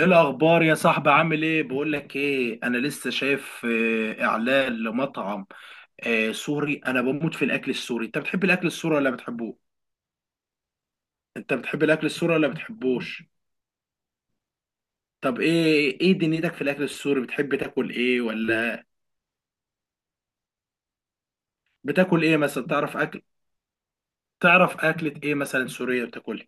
ايه الاخبار يا صاحبي، عامل ايه؟ بقول لك ايه، انا لسه شايف اعلان لمطعم سوري. انا بموت في الاكل السوري. انت بتحب الاكل السوري ولا بتحبوه؟ انت بتحب الاكل السوري ولا بتحبوش؟ طب ايه دنيتك في الاكل السوري؟ بتحب تاكل ايه، ولا بتاكل ايه مثلا؟ تعرف اكل؟ تعرف اكلة ايه مثلا سورية بتاكلها؟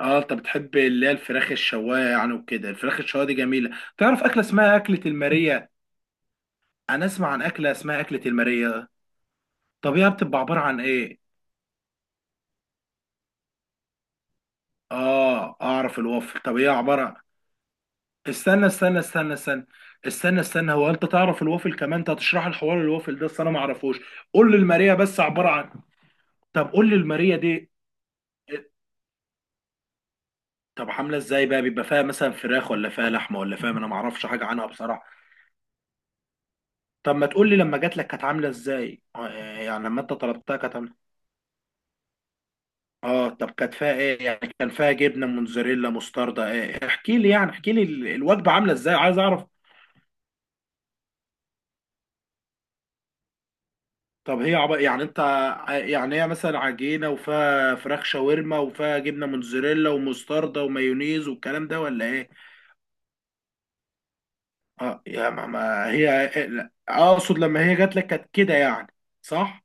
اه، انت بتحب اللي هي الفراخ الشوايه يعني وكده. الفراخ الشوايه دي جميله. تعرف اكله اسمها اكله الماريه؟ انا اسمع عن اكله اسمها اكله الماريه. طب هي بتبقى عباره عن ايه؟ اه اعرف الوافل. طب ايه عباره؟ استنى استنى استنى استنى. استنى استنى، هو انت تعرف الوافل كمان؟ انت هتشرح الحوار الوافل ده؟ أصل انا ما اعرفوش. قول لي الماريه بس عباره عن. طب قول لي الماريه دي. طب عامله ازاي بقى؟ بيبقى فيها مثلا فراخ ولا فيها لحمه ولا فيها؟ انا ما اعرفش حاجه عنها بصراحه. طب ما تقول لي لما جات لك كانت عامله ازاي؟ يعني لما انت طلبتها كانت عامله. اه طب كانت فيها ايه يعني؟ كان فيها جبنه موتزاريلا مستردة ايه؟ احكي لي، يعني احكي لي الوجبه عامله ازاي؟ عايز اعرف. طب يعني يعني هي مثلا عجينه وفيها فراخ شاورما وفيها جبنه موتزاريلا ومستردة ومايونيز والكلام ده ولا ايه؟ اه يا ما, ما هي إيه، لا. اقصد لما هي جات لك كانت كده يعني. صح؟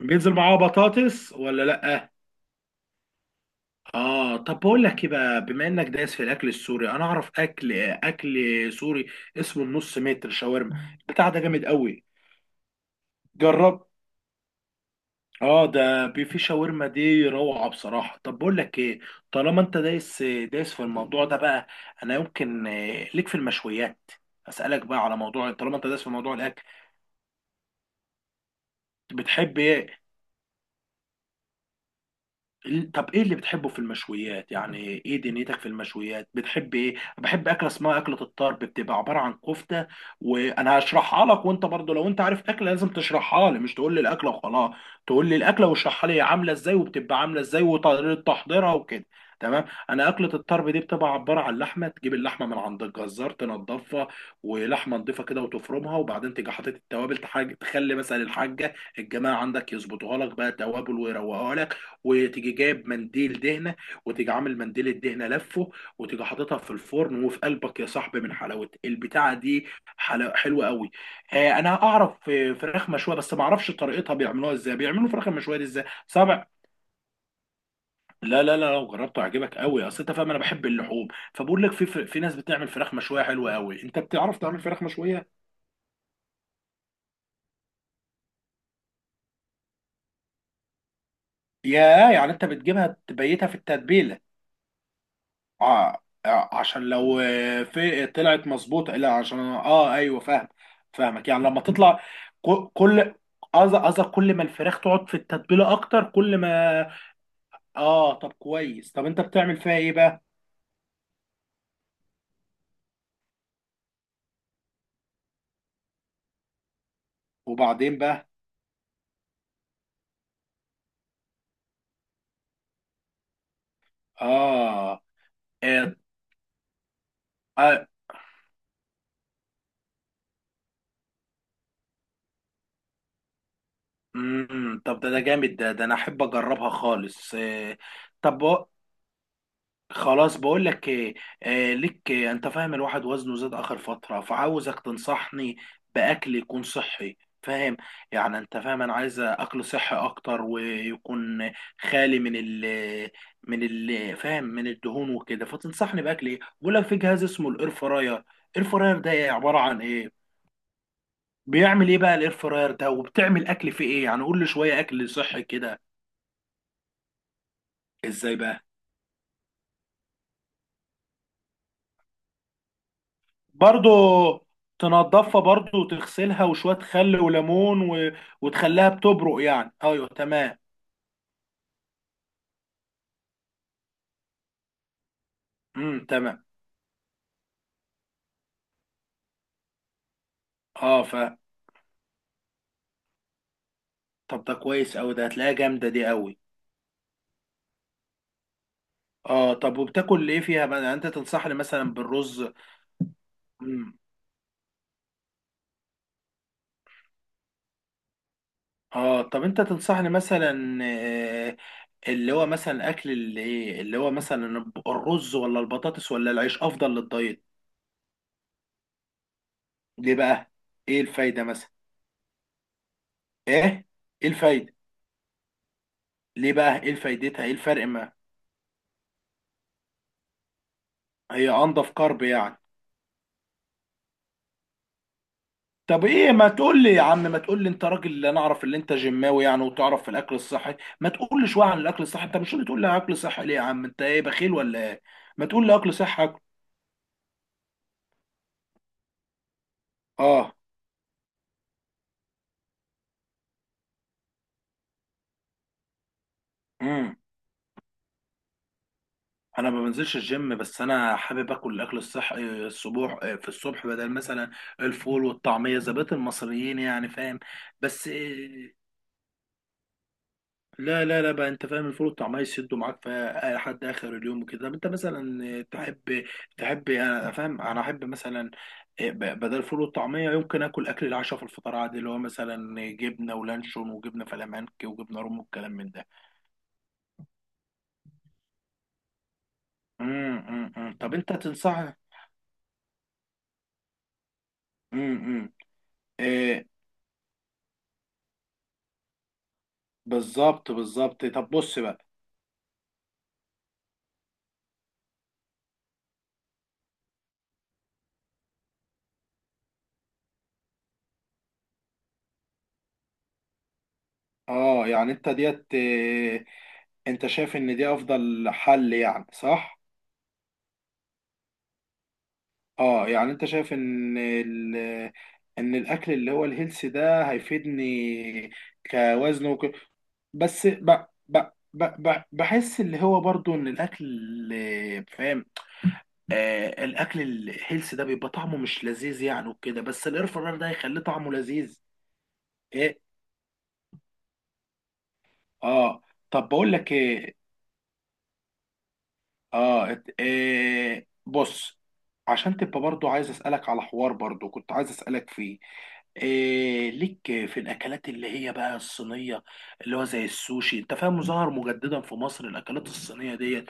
بينزل معاها بطاطس ولا لا؟ اه طب بقول لك ايه بقى، بما انك دايس في الاكل السوري، انا اعرف اكل، اكل سوري اسمه النص متر شاورما. البتاع ده جامد قوي. جرب. اه ده بيفي شاورما دي روعة بصراحة. طب بقول لك ايه، طالما انت دايس دايس في الموضوع ده بقى، انا يمكن ليك في المشويات. اسألك بقى على موضوع طالما انت دايس في موضوع الاكل. بتحب ايه؟ طب ايه اللي بتحبه في المشويات يعني؟ ايه دنيتك في المشويات؟ بتحب ايه؟ بحب اكله اسمها اكله الطرب. بتبقى عباره عن كفته، وانا هشرحها لك، وانت برضو لو انت عارف اكله لازم تشرحها لي، مش تقول لي الاكله وخلاص. تقول لي الاكله واشرحها لي، هي عامله ازاي وبتبقى عامله ازاي وطريقه تحضيرها وكده. تمام. انا اكله الطرب دي بتبقى عباره عن لحمه، تجيب اللحمه من عند الجزار تنضفها، ولحمه نضيفه كده وتفرمها، وبعدين تيجي حاطط التوابل، تخلي مثلا الحاجه الجماعه عندك يظبطوها لك بقى توابل ويروقوها لك، وتيجي جايب منديل دهنه، وتيجي عامل منديل الدهنه لفه، وتيجي حاططها في الفرن، وفي قلبك يا صاحبي من حلاوه البتاعه دي. حلوه قوي. انا اعرف فراخ مشويه، بس ما اعرفش طريقتها، بيعملوها ازاي؟ بيعملوا فراخ المشويه دي ازاي سبع. لا لا لا لو جربته هيعجبك قوي، اصل انت فاهم انا بحب اللحوم. فبقول لك، في ناس بتعمل فراخ مشويه حلوه قوي. انت بتعرف تعمل فراخ مشويه؟ يا. يعني انت بتجيبها تبيتها في التتبيله؟ اه عشان لو في طلعت مظبوطه. لا عشان اه ايوه فاهم. فاهمك يعني لما تطلع. كل، قصدك كل ما الفراخ تقعد في التتبيله اكتر كل ما. اه طب كويس. طب انت بتعمل فيها ايه بقى؟ وبعدين بقى. اه. آه. آه. مم. طب ده ده جامد، ده ده انا احب اجربها خالص آه. طب خلاص بقول لك إيه، آه ليك إيه، انت فاهم الواحد وزنه زاد اخر فتره، فعاوزك تنصحني باكل يكون صحي، فاهم؟ يعني انت فاهم انا عايز اكل صحي اكتر ويكون خالي من ال من ال فاهم، من الدهون وكده. فتنصحني باكل ايه؟ بقول لك في جهاز اسمه الاير فراير. الاير فراير ده إيه؟ عباره عن ايه؟ بيعمل ايه بقى الاير فراير ده؟ وبتعمل اكل فيه ايه يعني؟ قول لي شويه اكل صحي كده. ازاي بقى؟ برضو تنضفها برضو وتغسلها وشوية خل وليمون و... وتخليها بتبرق يعني؟ ايوه تمام. تمام. اه ف طب ده كويس اوي. ده هتلاقيها جامدة دي اوي. اه طب وبتاكل ايه فيها بقى يعني؟ انت تنصحني مثلا بالرز؟ امم. اه طب انت تنصحني مثلا اللي هو مثلا اكل اللي ايه، اللي هو مثلا الرز ولا البطاطس ولا العيش افضل للدايت؟ ليه بقى؟ ايه الفايدة مثلا؟ ايه؟ ايه الفايدة؟ ليه بقى؟ ايه فايدتها؟ ايه الفرق؟ هي انضف كارب يعني؟ طب ايه، ما تقول لي يا عم، ما تقول لي، انت راجل اللي انا اعرف، اللي انت جماوي يعني وتعرف في الاكل الصحي، ما تقول لي شويه عن الاكل الصحي. انت مش اللي تقول لي اكل صحي؟ ليه يا عم، انت ايه بخيل ولا ايه؟ ما تقول لي اكل صحي اكل. اه. امم. انا ما بنزلش الجيم، بس انا حابب اكل الاكل الصحي الصبح، في الصبح بدل مثلا الفول والطعميه زي بقية المصريين يعني، فاهم؟ بس لا لا لا بقى، انت فاهم الفول طعمها يسدوا معاك في لحد اخر اليوم وكده. طب انت مثلا تحب، تحب يعني انا فاهم، انا احب مثلا إيه، بدل الفول والطعميه يمكن اكل اكل العشاء في الفطار عادي، اللي هو مثلا جبنه ولانشون وجبنه فلامنكي وجبنه رومي والكلام من ده. طب انت تنصح. إمم. ايه بالظبط بالظبط. طب بص بقى. اه يعني انت ديت إيه؟ انت شايف ان دي افضل حل يعني صح؟ اه يعني انت شايف ان ال... ان الاكل اللي هو الهيلثي ده هيفيدني؟ كوزن وك... بس ب... ب... ب... ب... بحس اللي هو برضو ان الاكل فاهم، آه الاكل الهيلثي ده بيبقى طعمه مش لذيذ يعني وكده، بس الاير فراير ده هيخليه طعمه لذيذ. ايه. اه طب بقول لك ايه، إيه بص، عشان تبقى برضو عايز اسالك على حوار برضو كنت عايز اسالك فيه. إيه ليك في الاكلات اللي هي بقى الصينيه؟ اللي هو زي السوشي. انت فاهم ظهر مجددا في مصر الاكلات الصينيه ديت.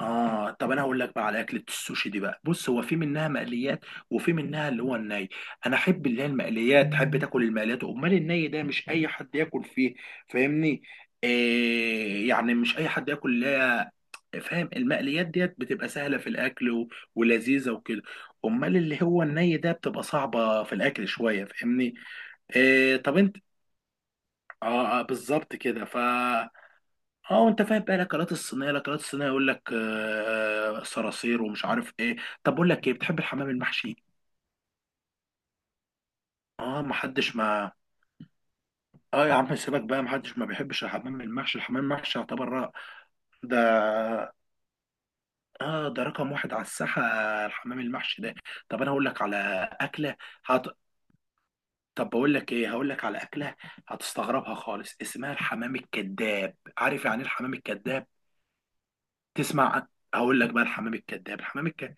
اه طب انا هقول لك بقى على اكله السوشي دي بقى. بص، هو في منها مقليات وفي منها اللي هو الني. انا احب اللي هي المقليات، احب تاكل المقليات، امال الني ده مش اي حد ياكل فيه. فاهمني؟ إيه يعني، مش اي حد ياكل اللي هي، فاهم، المقليات ديت بتبقى سهله في الاكل و... ولذيذه وكده. امال اللي هو الني ده بتبقى صعبه في الاكل شويه، فاهمني؟ إيه طب انت. اه بالظبط كده. اه انت فاهم بقى الاكلات الصينيه، الاكلات الصينيه يقول لك آه صراصير ومش عارف ايه. طب بقول لك ايه، بتحب الحمام المحشي؟ اه ما حدش ما، اه يا عم سيبك بقى، ما حدش ما بيحبش الحمام المحشي. الحمام المحشي يعتبر ده، اه ده رقم واحد على الساحه الحمام المحشي ده. طب انا هقول لك على اكله، هت... طب بقول لك ايه، هقول لك على اكله هتستغربها خالص، اسمها الحمام الكذاب. عارف يعني ايه الحمام الكذاب؟ تسمع عن- هقول لك بقى الحمام الكذاب. الحمام الكذاب،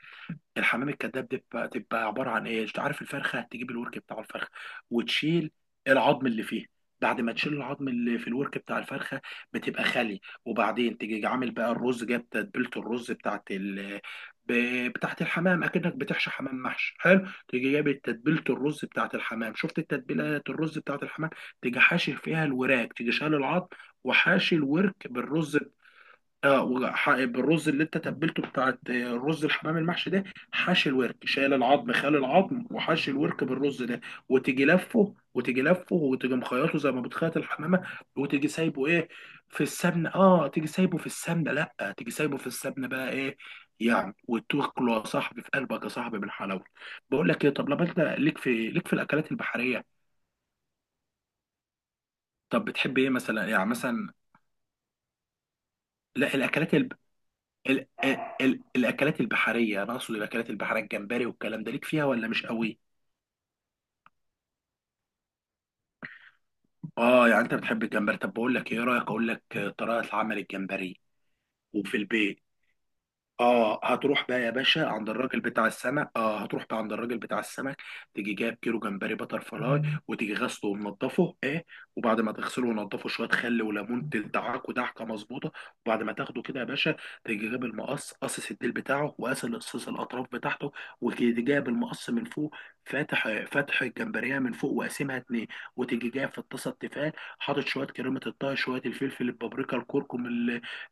الحمام الكذاب دي بتبقى، تبقى عباره عن ايه؟ عارف الفرخه، تجيب الورك بتاع الفرخه وتشيل العظم اللي فيه. بعد ما تشيل العظم اللي في الورك بتاع الفرخه بتبقى خالي، وبعدين تيجي عامل بقى الرز، جاب تتبيله الرز بتاعت ال، بتاعت الحمام، اكنك بتحشي حمام محشي حلو، تيجي جايب تتبيله الرز بتاعت الحمام. شفت تتبيلات الرز بتاعت الحمام؟ تيجي حاشي فيها الوراك، تيجي شال العظم وحاشي الورك بالرز. اه بالرز اللي انت تبلته بتاعت رز الحمام المحشي ده، حشي الورك شايل العظم، خال العظم وحشي الورك بالرز ده. وتيجي لفه، وتيجي لفه، وتيجي مخيطه زي ما بتخيط الحمامه. وتيجي سايبه ايه، في السمنه، اه تيجي سايبه في السمنه، لا تيجي سايبه في السمنه بقى ايه يعني. وتاكله يا صاحبي في قلبك يا صاحبي بالحلاوه. بقول لك ايه، طب لما انت ليك في الاكلات البحريه. طب بتحب ايه مثلا يعني مثلا؟ لا الاكلات ال ال الاكلات البحريه انا اقصد. الاكلات البحريه الجمبري والكلام ده ليك فيها ولا مش قوي؟ اه يعني انت بتحب الجمبري؟ طب بقول لك ايه، إيه رايك اقول لك طريقه عمل الجمبري وفي البيت؟ اه هتروح بقى يا باشا عند الراجل بتاع السمك، اه هتروح بقى عند الراجل بتاع السمك، تيجي جايب كيلو جمبري بتر فلاي، وتيجي غسله ومنضفه ايه. وبعد ما تغسله ونضفه شويه خل وليمون تدعكه دعكه مظبوطه. وبعد ما تاخده كده يا باشا، تيجي جايب المقص قصص الديل بتاعه، وقاس قصص الاطراف بتاعته، وتيجي جايب المقص من فوق فاتح، فاتح الجمبريه من فوق وقاسمها اتنين. وتيجي جايب في الطاسه التيفال حاطط شويه كريمه الطهي، شويه الفلفل البابريكا الكركم،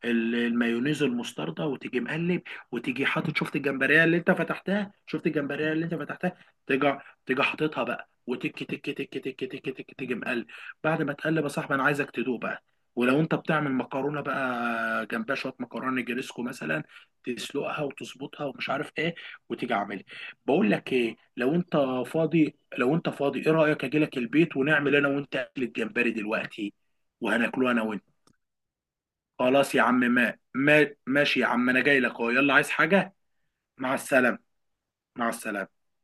المايونيز والمستردة، وتيجي مقلب. وتيجي حاطط، شفت الجمبريه اللي انت فتحتها، شفت الجمبريه اللي انت فتحتها. تيجي، تيجي حاططها بقى وتك تك تك تك تك تك، تيجي مقلب. بعد ما تقلب يا صاحبي انا عايزك تدوق بقى. ولو انت بتعمل مكرونه بقى جنبها شويه مكرونه جريسكو مثلا، تسلقها وتظبطها ومش عارف ايه، وتيجي عاملها. بقول لك ايه، لو انت فاضي، لو انت فاضي ايه رايك اجي لك البيت ونعمل انا وانت اكل الجمبري دلوقتي وهناكله انا وانت. خلاص يا عم، ما ما ماشي يا عم، انا جاي لك اهو، يلا عايز حاجة. مع السلامة. مع السلامة.